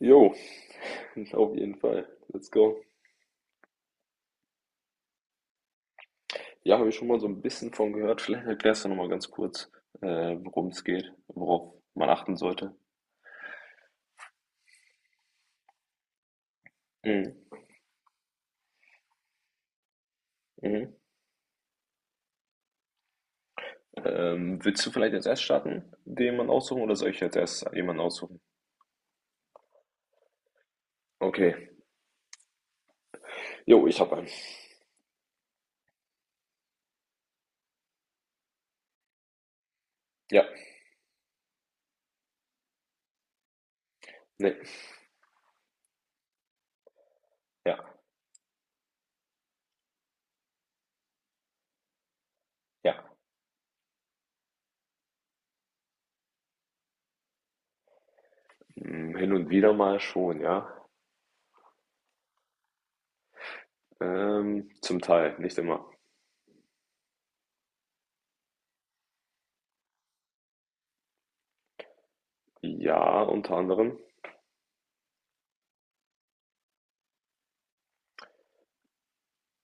Jo, auf jeden Fall. Let's go. Ja, habe ich schon mal so ein bisschen von gehört. Vielleicht erklärst du nochmal ganz kurz, worum es geht, worauf man achten sollte. Mhm. Mhm. Willst du vielleicht als erst starten, den man aussuchen, oder soll ich als erst jemanden aussuchen? Okay. Jo, ich habe einen. Ja, nee, ja, ja. Hin und wieder mal schon, ja. Zum Teil, nicht immer. Ja, unter anderem.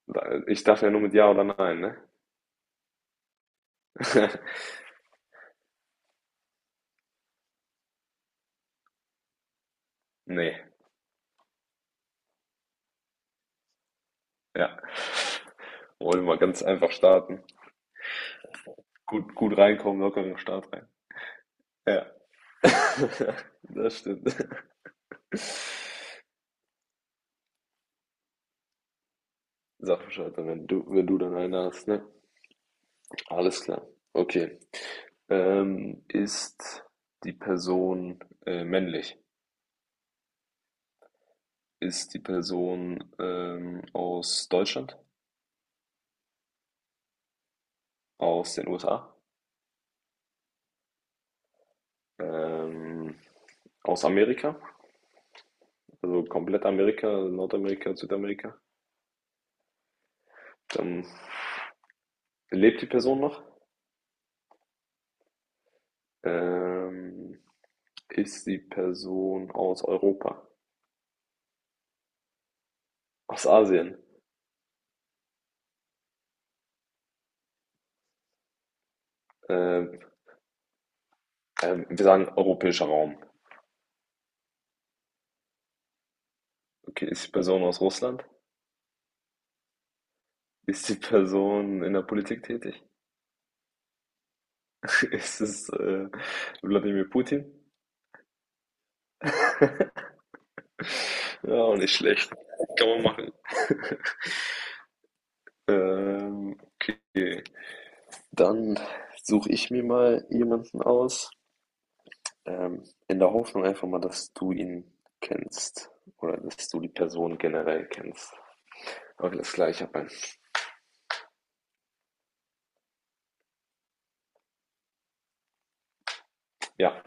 Ich darf ja nur mit Ja oder Nein, ne? Nee. Ja. Wollen wir ganz einfach starten. Gut, gut reinkommen, locker in den Start rein. Ja. Das stimmt. Sag Bescheid, wenn du dann eine hast, ne? Alles klar. Okay. Ist die Person männlich? Ist die Person aus Deutschland? Aus den USA? Ähm, Aus Amerika? Also komplett Amerika, Nordamerika, Südamerika? Dann lebt die Person noch? Ähm, Ist die Person aus Europa? Aus Asien? Ähm, Wir sagen europäischer Raum. Okay, ist die Person aus Russland? Ist die Person in der Politik tätig? Ist es Wladimir Putin? Ja, auch nicht schlecht. Kann man machen. Ähm, okay. Dann suche ich mir mal jemanden aus, ähm, in der Hoffnung einfach mal, dass du ihn kennst oder dass du die Person generell kennst. Okay, das gleiche. Ja,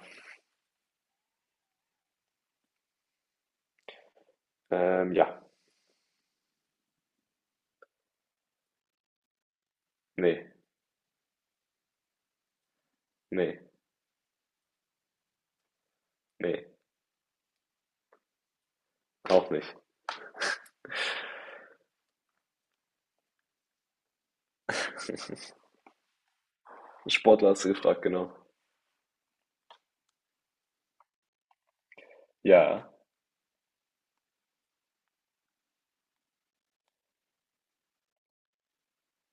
ja. Ne, ne, ne, auch nicht. Sportler hast du gefragt, genau. Ja,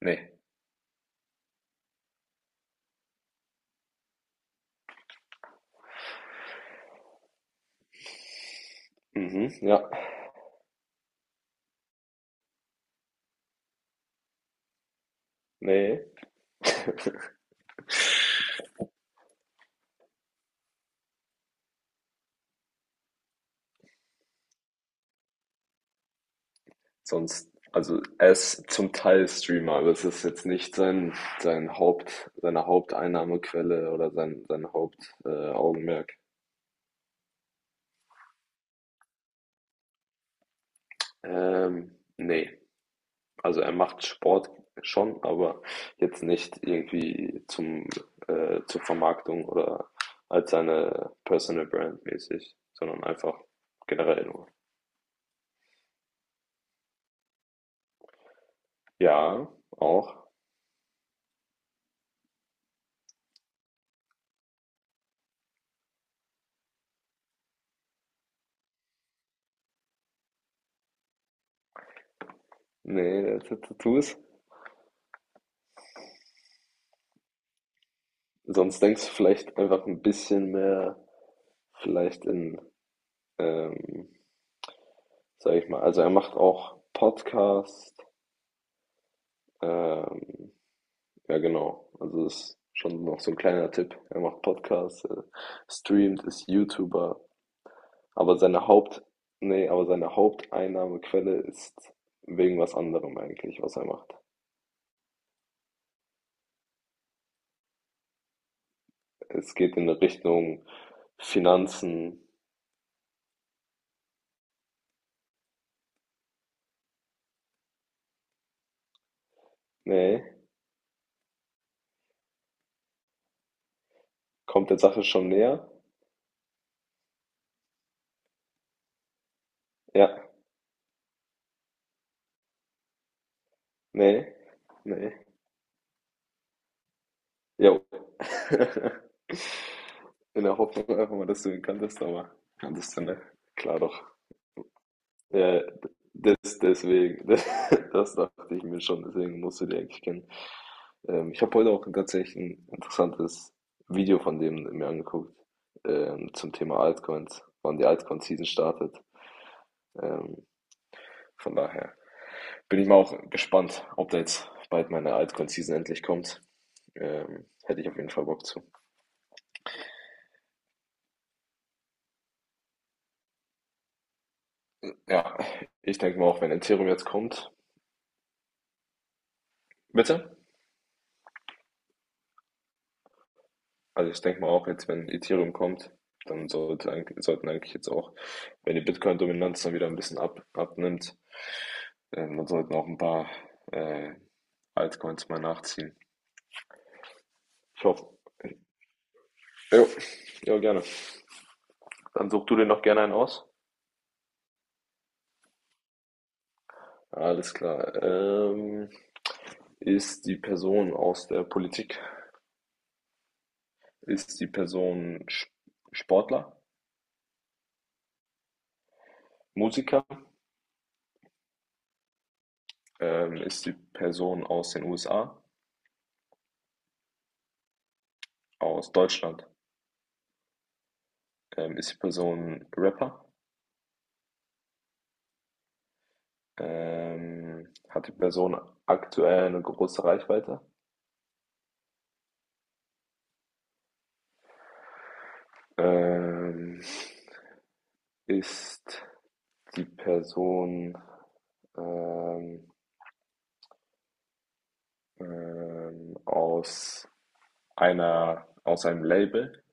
ne. Mhm, ja, ne. Sonst, also er ist zum Teil Streamer, aber es ist jetzt nicht seine Haupteinnahmequelle oder sein Hauptaugenmerk. Augenmerk. Nee. Also er macht Sport schon, aber jetzt nicht irgendwie zur Vermarktung oder als seine Personal Brand mäßig, sondern einfach generell nur. Ja, auch. Ne, der hatte Tattoos. Sonst denkst du vielleicht einfach ein bisschen mehr vielleicht ähm, sage ich mal also, er macht auch Podcast, ähm ja genau, also, das ist schon noch so ein kleiner Tipp. Er macht Podcasts, streamt, ist YouTuber, aber seine Haupteinnahmequelle ist wegen was anderem eigentlich, was er macht. Es geht in Richtung Finanzen. Ne? Kommt der Sache schon näher? Ja. Ne? Ne. Jo. In der Hoffnung einfach mal, dass du ihn kanntest, aber kanntest du nicht. Klar doch. Ja, das, deswegen, das dachte ich mir schon, deswegen musst du die eigentlich kennen. Ich habe heute auch tatsächlich ein interessantes Video von dem mir angeguckt, zum Thema Altcoins, wann die Altcoin-Season startet. Ähm, von daher bin ich mal auch gespannt, ob da jetzt bald meine Altcoin-Season endlich kommt. Hätte ich auf jeden Fall Bock zu. Ja, ich denke mal auch, wenn Ethereum jetzt kommt. Bitte? Also ich denke mal auch jetzt, wenn Ethereum kommt, dann sollten eigentlich jetzt auch, wenn die Bitcoin-Dominanz dann wieder ein bisschen abnimmt, dann sollten auch ein paar äh, Altcoins mal nachziehen. Ich hoffe. Jo, jo, gerne. Dann such du dir noch gerne einen aus. Alles klar. Ist die Person aus der Politik? Ist die Person Sportler? Musiker? Ist die Person aus den USA? Aus Deutschland? Ist die Person Rapper? Hat die Person aktuell eine große Reichweite? Ähm, Ist die Person ähm, ähm, aus aus einem Label?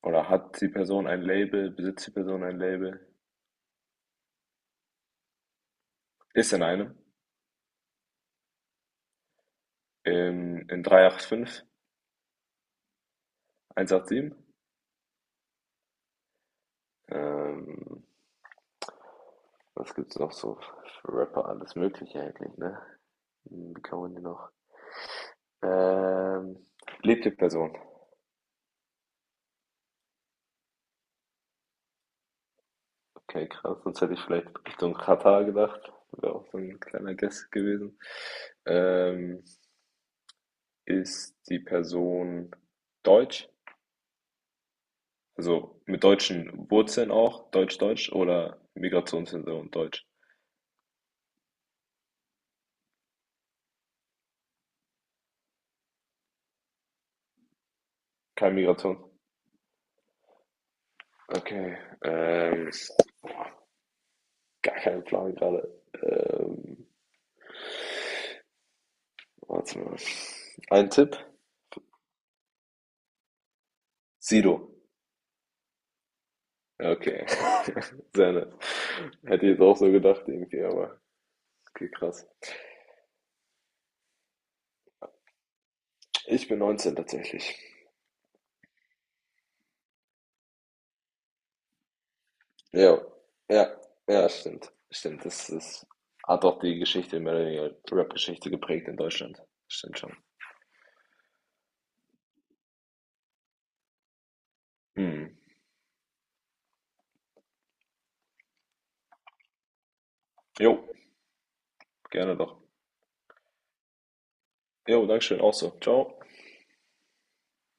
Oder hat die Person ein Label? Besitzt die Person ein Label? Ist in einem. In 385, 187. Ähm, Was gibt's noch so für Rapper? Alles Mögliche eigentlich, ne? Wie kann man die noch? Ähm, Lebte Person. Okay, krass. Sonst hätte ich vielleicht Richtung Katar gedacht. Wäre auch so ein kleiner Guess gewesen. Ähm, Ist die Person deutsch? Also mit deutschen Wurzeln auch? Deutsch-Deutsch oder Migrationshintergrund deutsch? Keine Migration. Okay. Ähm, Gar keinen Plan gerade. Warte mal. Ein Tipp. Sido. Okay. Sehr nett. Hätte ich jetzt auch so gedacht irgendwie, aber okay, krass. Ich bin 19 tatsächlich. Ja, ja, ja, stimmt. Stimmt, das ist, hat auch die Geschichte, mehr oder weniger Rap-Geschichte geprägt in Deutschland. Stimmt schon. Hm. Jo, gerne doch. Jo, Dankeschön, auch so. Ciao.